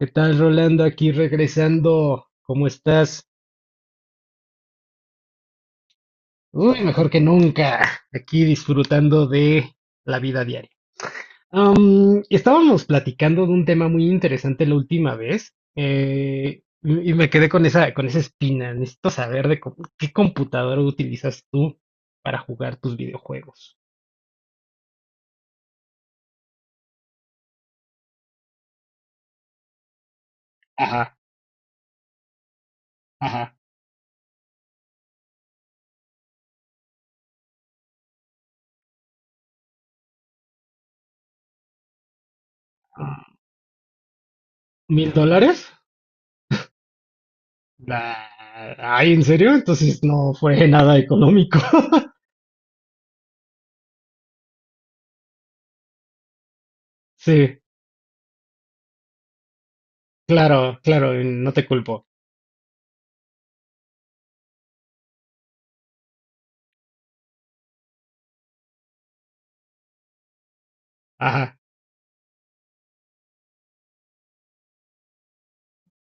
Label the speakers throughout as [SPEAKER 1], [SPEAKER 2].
[SPEAKER 1] ¿Qué tal, Rolando? Aquí regresando. ¿Cómo estás? Uy, mejor que nunca. Aquí disfrutando de la vida diaria. Estábamos platicando de un tema muy interesante la última vez, y me quedé con esa espina. Necesito saber qué computadora utilizas tú para jugar tus videojuegos. Ajá, ajá. ¿Mil dólares? Ah, ay, ¿en serio? Entonces no fue nada económico. Sí. Claro, claro, y no te culpo. Ajá.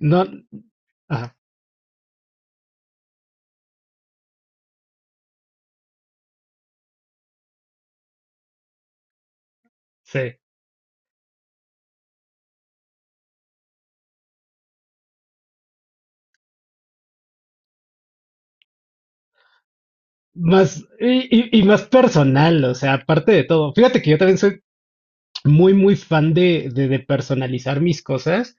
[SPEAKER 1] No, ajá, sí. Más, y más personal, o sea, aparte de todo. Fíjate que yo también soy muy, muy fan de personalizar mis cosas.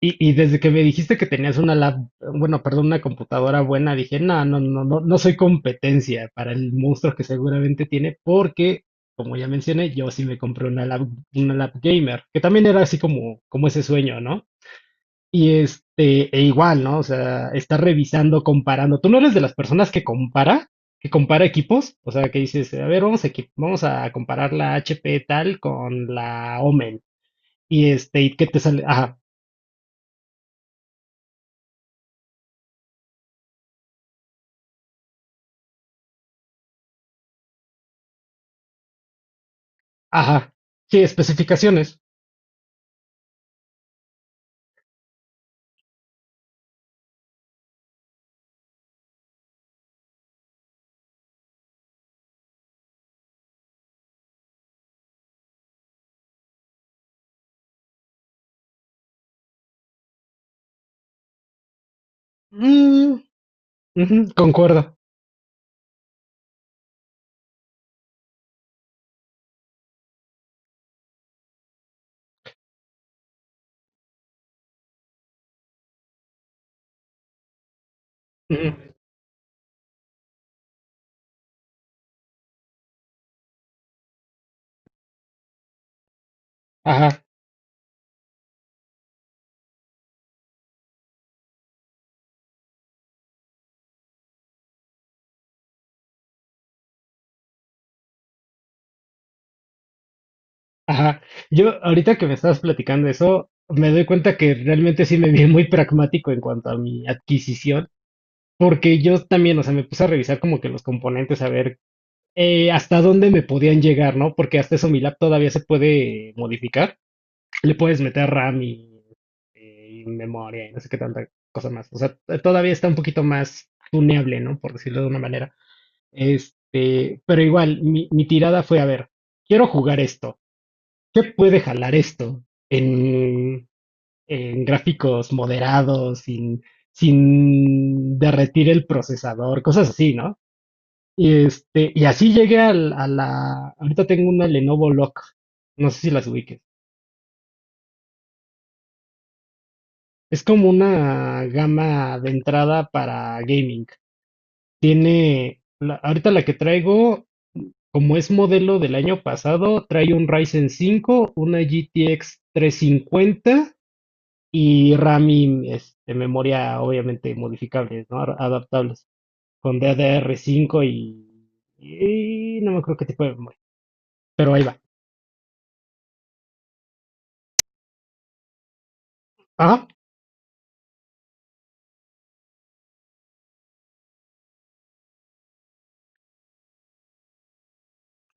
[SPEAKER 1] Y desde que me dijiste que tenías una lab, bueno, perdón, una computadora buena, dije, no, no, no, no, no soy competencia para el monstruo que seguramente tiene, porque, como ya mencioné, yo sí me compré una lab gamer, que también era así como, como ese sueño, ¿no? Y este, e igual, ¿no? O sea, está revisando, comparando. ¿Tú no eres de las personas que compara? ¿Que compara equipos? O sea, que dices, a ver, vamos a comparar la HP tal con la Omen. Y este, ¿y qué te sale? Ajá, ajá. Sí, especificaciones. Mm, ujú, concuerdo. Ujú, ajá, ajá. Yo, ahorita que me estabas platicando eso, me doy cuenta que realmente sí me vi muy pragmático en cuanto a mi adquisición. Porque yo también, o sea, me puse a revisar como que los componentes, a ver, hasta dónde me podían llegar, ¿no? Porque hasta eso mi lab todavía se puede modificar. Le puedes meter RAM y memoria y no sé qué tanta cosa más. O sea, todavía está un poquito más tuneable, ¿no? Por decirlo de una manera. Este, pero igual, mi tirada fue, a ver, quiero jugar esto. ¿Qué puede jalar esto en, en gráficos moderados, sin, sin derretir el procesador, cosas así, ¿no? Y, este, y así llegué a la... Ahorita tengo una Lenovo Lock. No sé si las ubiques. Es como una gama de entrada para gaming. Tiene... ahorita la que traigo, como es modelo del año pasado, trae un Ryzen cinco, una GTX cincuenta y RAM y este, memoria obviamente modificables, ¿no? Adaptables. Con ddr cinco y no me acuerdo qué tipo de memoria. Pero ahí va. Ajá,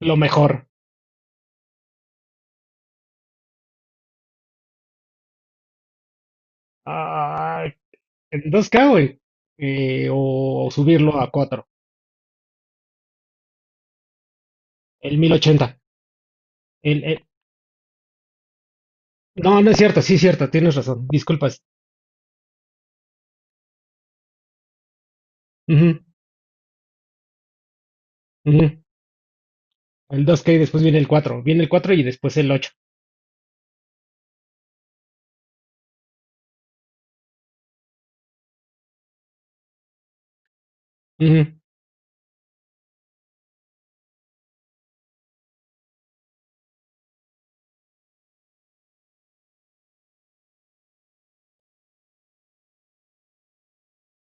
[SPEAKER 1] lo mejor. Ah, entonces, ¿qué hago, güey? O subirlo a cuatro, el 1080. El, el- no, no es cierto, sí es cierto, tienes razón, disculpas. Ujú, ujú. El dos k y después viene el cuatro, viene el 4 y después el ocho. Ujú.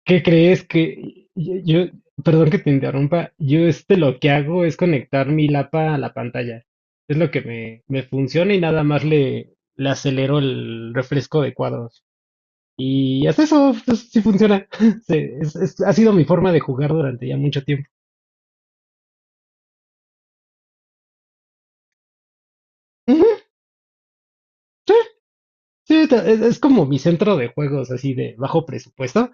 [SPEAKER 1] ¿Qué crees que yo- perdón que te interrumpa, yo este lo que hago es conectar mi lapa a la pantalla. Es lo que me funciona y nada más le, le acelero el refresco de cuadros. Y hasta eso pues, sí funciona. Sí, ha sido mi forma de jugar durante ya mucho tiempo. Ujú. Sí, es como mi centro de juegos así de bajo presupuesto,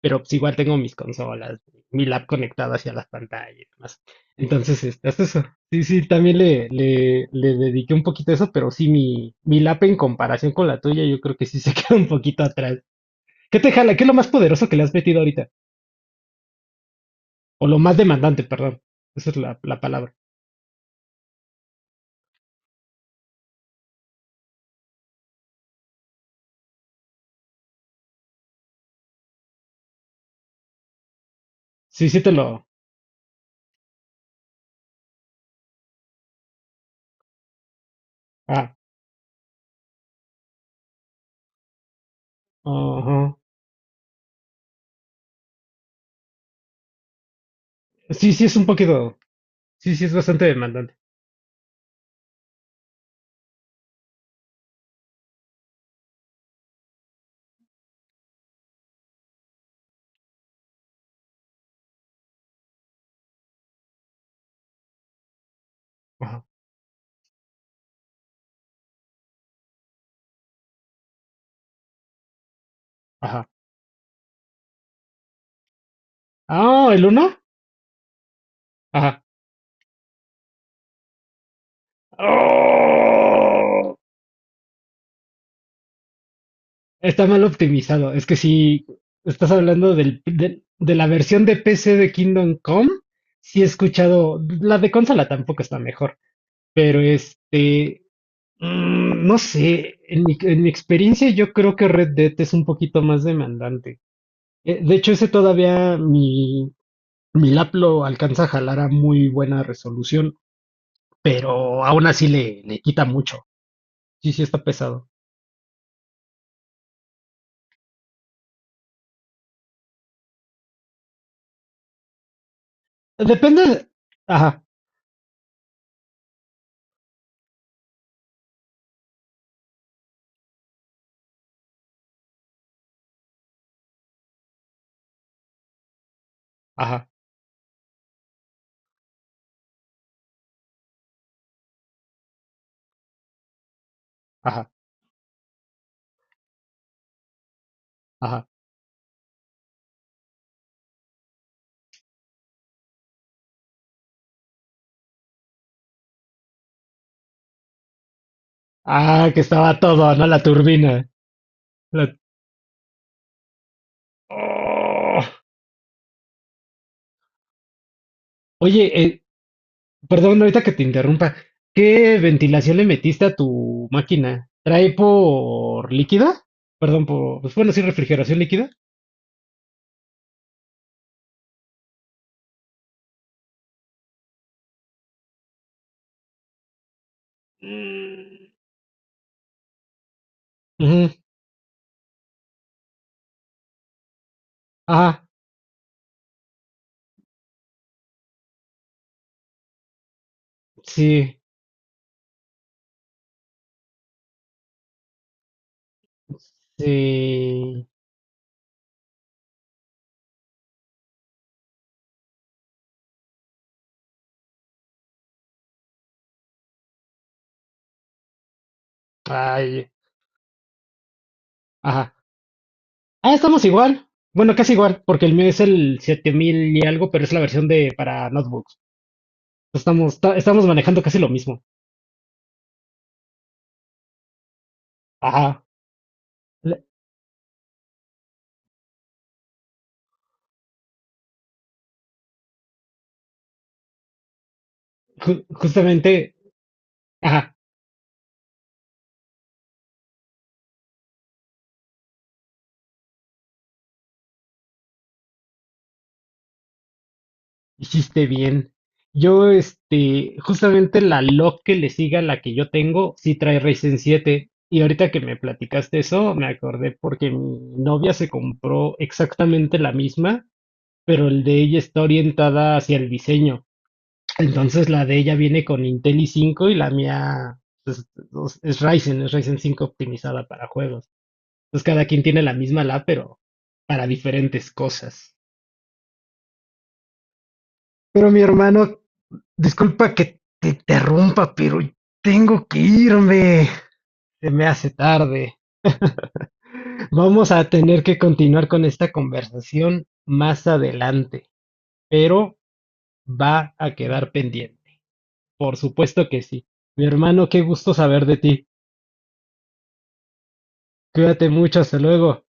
[SPEAKER 1] pero pues igual tengo mis consolas, mi lab conectado hacia las pantallas y demás. Entonces, este, hasta eso. Sí, sí, también le dediqué un poquito a eso, pero sí, mi lap en comparación con la tuya, yo creo que sí se queda un poquito atrás. ¿Qué te jala? ¿Qué es lo más poderoso que le has metido ahorita? O lo más demandante, perdón. Esa es la, la palabra. Sí, sí te lo... Ah, ajá. Sí, sí, es un poquito. Sí, sí, es bastante demandante. Ajá. Ajá. Ah, el uno. Ajá. ¡Oh! Está mal optimizado. Es que si estás hablando de la versión de PC de Kingdom Come, sí he escuchado. La de consola tampoco está mejor. Pero este, mm, no sé. En mi experiencia, yo creo que Red Dead es un poquito más demandante. De hecho, ese todavía Milap lo alcanza a jalar a muy buena resolución, pero aún así le, le quita mucho. Sí, sí está pesado. Depende. Ajá, ajá, ajá, ajá. Ah, que estaba todo, ¿no? La turbina. La- ¡Oh! Oye, perdón, ahorita que te interrumpa. ¿Qué ventilación le metiste a tu máquina? ¿Trae por líquida? Perdón, por... pues, bueno, sí, refrigeración líquida. Mm, ujú, ajá, sí, sí. Ay, ajá. Ah, estamos igual. Bueno, casi igual, porque el mío es el 7000 y algo, pero es la versión de para notebooks. Estamos, estamos manejando casi lo mismo. Ajá. La- justamente, ajá, hiciste bien. Yo, este, justamente la log que le siga a la que yo tengo, sí trae Ryzen siete. Y ahorita que me platicaste eso, me acordé porque mi novia se compró exactamente la misma, pero el de ella está orientada hacia el diseño. Entonces la de ella viene con Intel i5 y la mía pues, es Ryzen 5 optimizada para juegos. Entonces cada quien tiene la misma la, pero para diferentes cosas. Pero mi hermano, disculpa que te interrumpa, pero tengo que irme. Se me hace tarde. Vamos a tener que continuar con esta conversación más adelante, pero va a quedar pendiente. Por supuesto que sí. Mi hermano, qué gusto saber de ti. Cuídate mucho. Hasta luego.